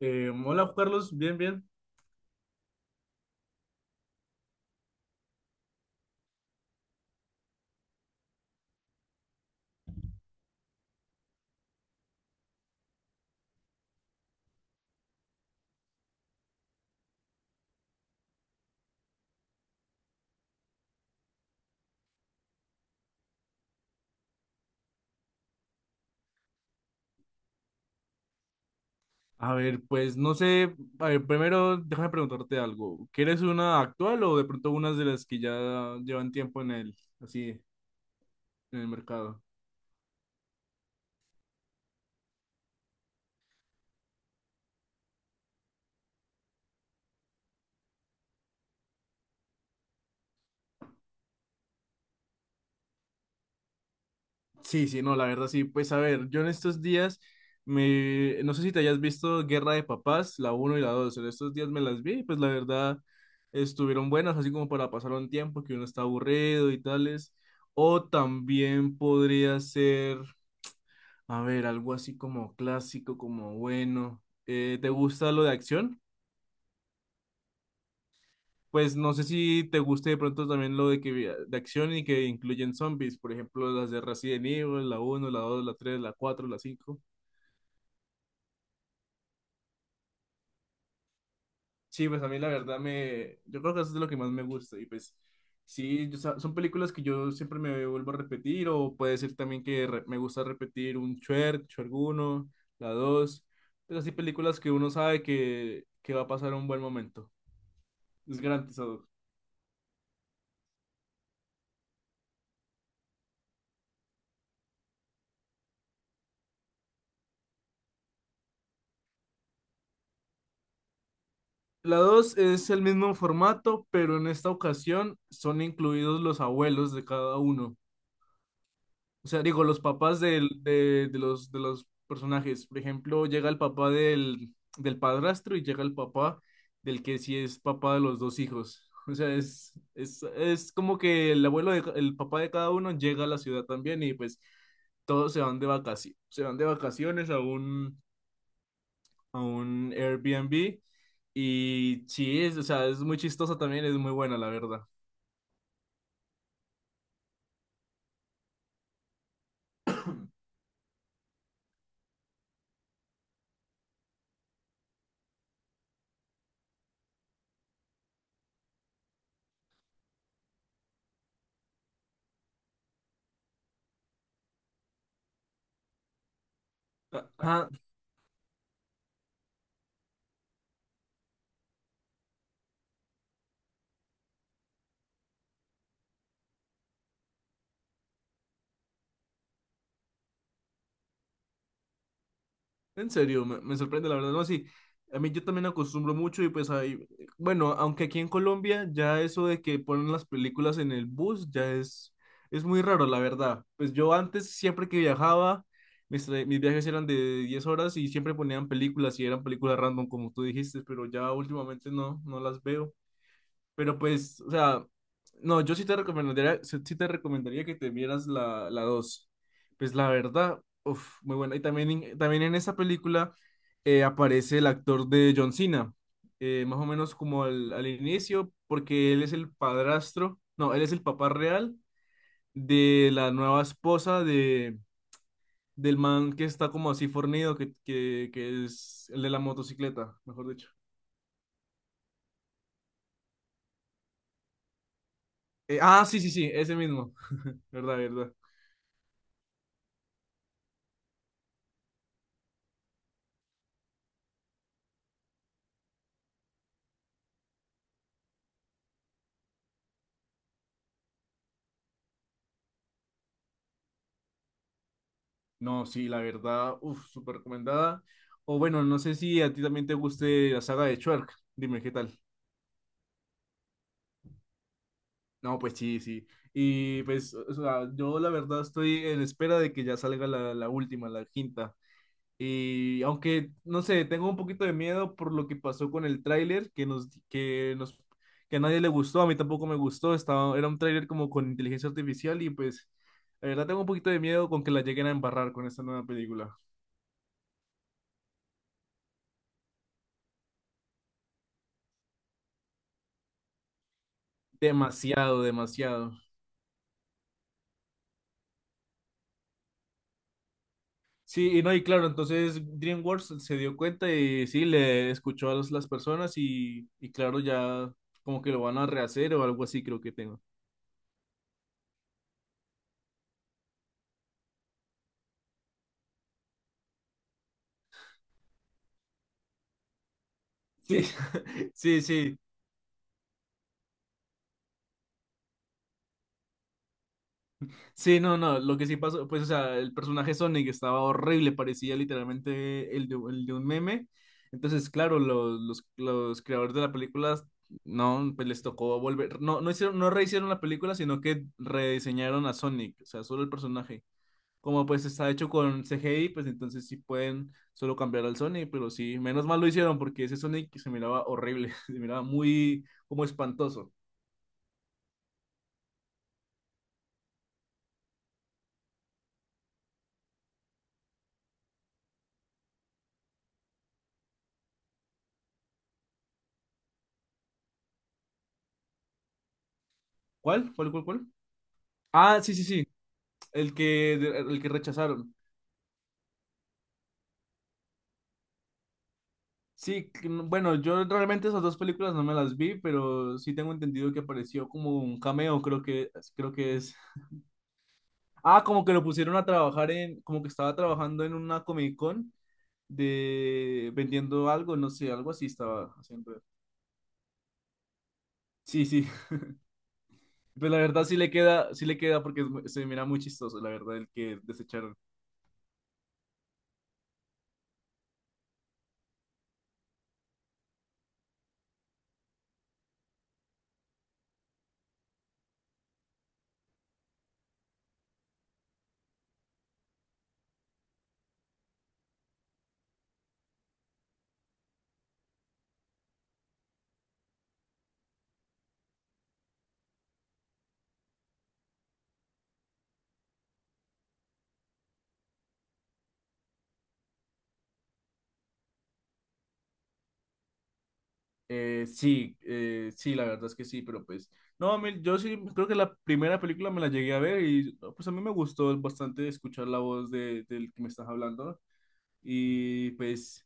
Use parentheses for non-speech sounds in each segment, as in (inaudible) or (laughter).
Hola, Carlos, bien, bien. A ver, pues no sé, a ver, primero déjame preguntarte algo. ¿Quieres una actual o de pronto unas de las que ya llevan tiempo en el, así, en el mercado? Sí, sí, no, la verdad sí. Pues a ver, yo en estos días no sé si te hayas visto Guerra de Papás, la uno y la 2. En estos días me las vi, y pues la verdad estuvieron buenas, así como para pasar un tiempo que uno está aburrido y tales. O también podría ser. A ver, algo así como clásico, como bueno. ¿Te gusta lo de acción? Pues no sé si te guste de pronto también lo de acción y que incluyen zombies, por ejemplo, las de Resident Evil, la uno, la dos, la tres, la cuatro, la cinco. Sí, pues a mí la verdad me yo creo que eso es lo que más me gusta y pues sí, son películas que yo siempre me vuelvo a repetir, o puede ser también me gusta repetir un Shrek, Shrek uno, la dos, pues así películas que uno sabe que va a pasar un buen momento. Es garantizado. La dos es el mismo formato, pero en esta ocasión son incluidos los abuelos de cada uno. O sea, digo, los papás de los personajes. Por ejemplo, llega el papá del padrastro y llega el papá del que sí es papá de los dos hijos. O sea, es como que el abuelo, el papá de cada uno llega a la ciudad también y pues todos se van de vacaciones, se van de vacaciones a un Airbnb, y sí, es, o sea, es muy chistosa también, es muy buena, la verdad. Ajá, en serio, me sorprende, la verdad. No, sí, a mí yo también acostumbro mucho y pues ahí, bueno, aunque aquí en Colombia ya eso de que ponen las películas en el bus ya es muy raro, la verdad. Pues yo antes, siempre que viajaba, mis viajes eran de 10 horas y siempre ponían películas y eran películas random, como tú dijiste, pero ya últimamente no, no las veo. Pero pues, o sea, no, yo sí te recomendaría, sí te recomendaría que te vieras la dos. Pues la verdad, muy buena. Y también, también en esa película aparece el actor de John Cena, más o menos como al inicio, porque él es el padrastro, no, él es el papá real de la nueva esposa de, del man que está como así fornido, que es el de la motocicleta, mejor dicho. Sí, sí, sí, ese mismo, verdad, verdad. No, sí, la verdad, súper recomendada. O bueno, no sé si a ti también te guste la saga de Shrek. Dime qué tal. No, pues sí, sí. Y pues, o sea, yo la verdad estoy en espera de que ya salga la última, la quinta. Y aunque, no sé, tengo un poquito de miedo por lo que pasó con el tráiler, que a nadie le gustó, a mí tampoco me gustó. Estaba, era un tráiler como con inteligencia artificial y pues, la verdad tengo un poquito de miedo con que la lleguen a embarrar con esta nueva película. Demasiado, demasiado. Sí, y no, y claro, entonces DreamWorks se dio cuenta y sí, le escuchó a las personas y claro, ya como que lo van a rehacer o algo así, creo que tengo. Sí, (laughs) sí, sí, sí, no, no, lo que sí pasó, pues, o sea, el personaje Sonic estaba horrible, parecía literalmente el de un meme. Entonces, claro, los creadores de la película, no, pues les tocó volver, no, no hicieron, no rehicieron la película, sino que rediseñaron a Sonic, o sea, solo el personaje. Como pues está hecho con CGI, pues entonces sí pueden solo cambiar al Sonic, pero sí, menos mal lo hicieron porque ese Sonic se miraba horrible, (laughs) se miraba muy como espantoso. ¿Cuál? ¿Cuál, cuál, cuál? Ah, sí, sí, sí, el que rechazaron. Sí, que no- bueno, yo realmente esas dos películas no me las vi, pero sí tengo entendido que apareció como un cameo, creo que es. Ah, como que lo pusieron a trabajar en, como que estaba trabajando en una Comic Con de vendiendo algo, no sé, algo así estaba haciendo. Sí, sí. Pues la verdad sí le queda porque se mira muy chistoso, la verdad, el que desecharon. Sí, la verdad es que sí, pero pues, no, yo sí creo que la primera película me la llegué a ver y no, pues a mí me gustó bastante escuchar la voz de, del que me estás hablando y pues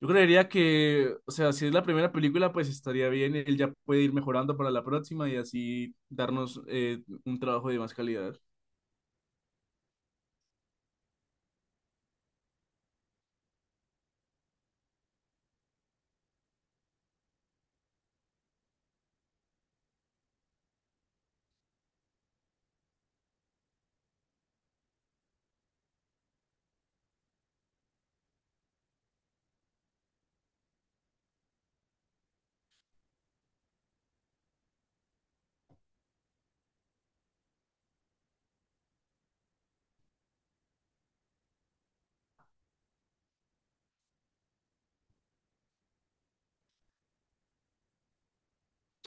yo creería que, o sea, si es la primera película, pues estaría bien, él ya puede ir mejorando para la próxima y así darnos un trabajo de más calidad.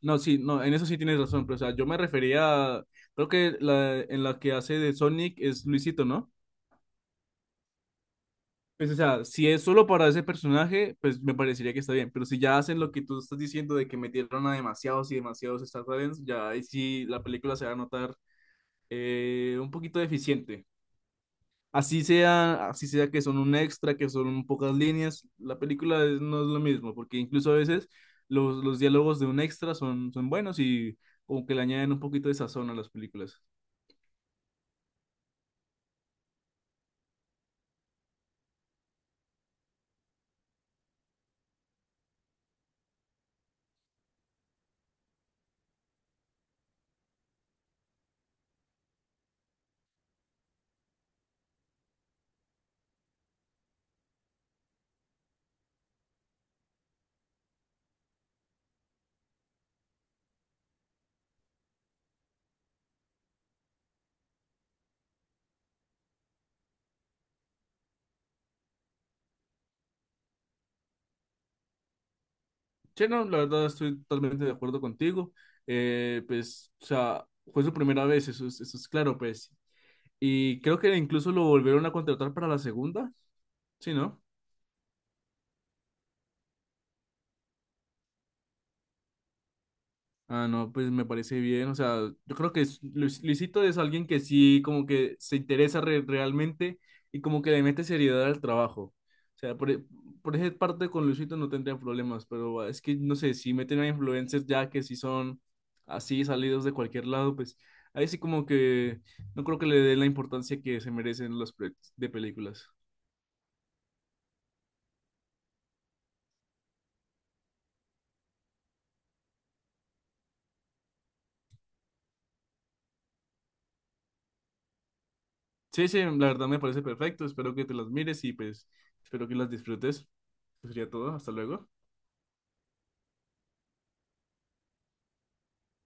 No, sí, no, en eso sí tienes razón, pero o sea, yo me refería, creo que en la que hace de Sonic es Luisito, ¿no? Pues, o sea, si es solo para ese personaje, pues me parecería que está bien, pero si ya hacen lo que tú estás diciendo de que metieron a demasiados y demasiados Star Talents, ya ahí sí la película se va a notar un poquito deficiente. Así sea que son un extra, que son pocas líneas, no es lo mismo, porque incluso a veces los diálogos de un extra son, son buenos y como que le añaden un poquito de sazón a las películas. Sí, no, la verdad estoy totalmente de acuerdo contigo. Pues, o sea, fue su primera vez, eso es claro, pues. Y creo que incluso lo volvieron a contratar para la segunda, ¿sí, no? Ah, no, pues me parece bien. O sea, yo creo que Luisito es alguien que sí, como que realmente y como que le mete seriedad al trabajo. O sea, por esa parte con Luisito no tendría problemas, pero es que, no sé, si meten a influencers ya que sí son así salidos de cualquier lado, pues ahí sí como que no creo que le den la importancia que se merecen los proyectos de películas. Sí, sí, la verdad me parece perfecto. Espero que te las mires y pues espero que las disfrutes. Pues sería todo. Hasta luego.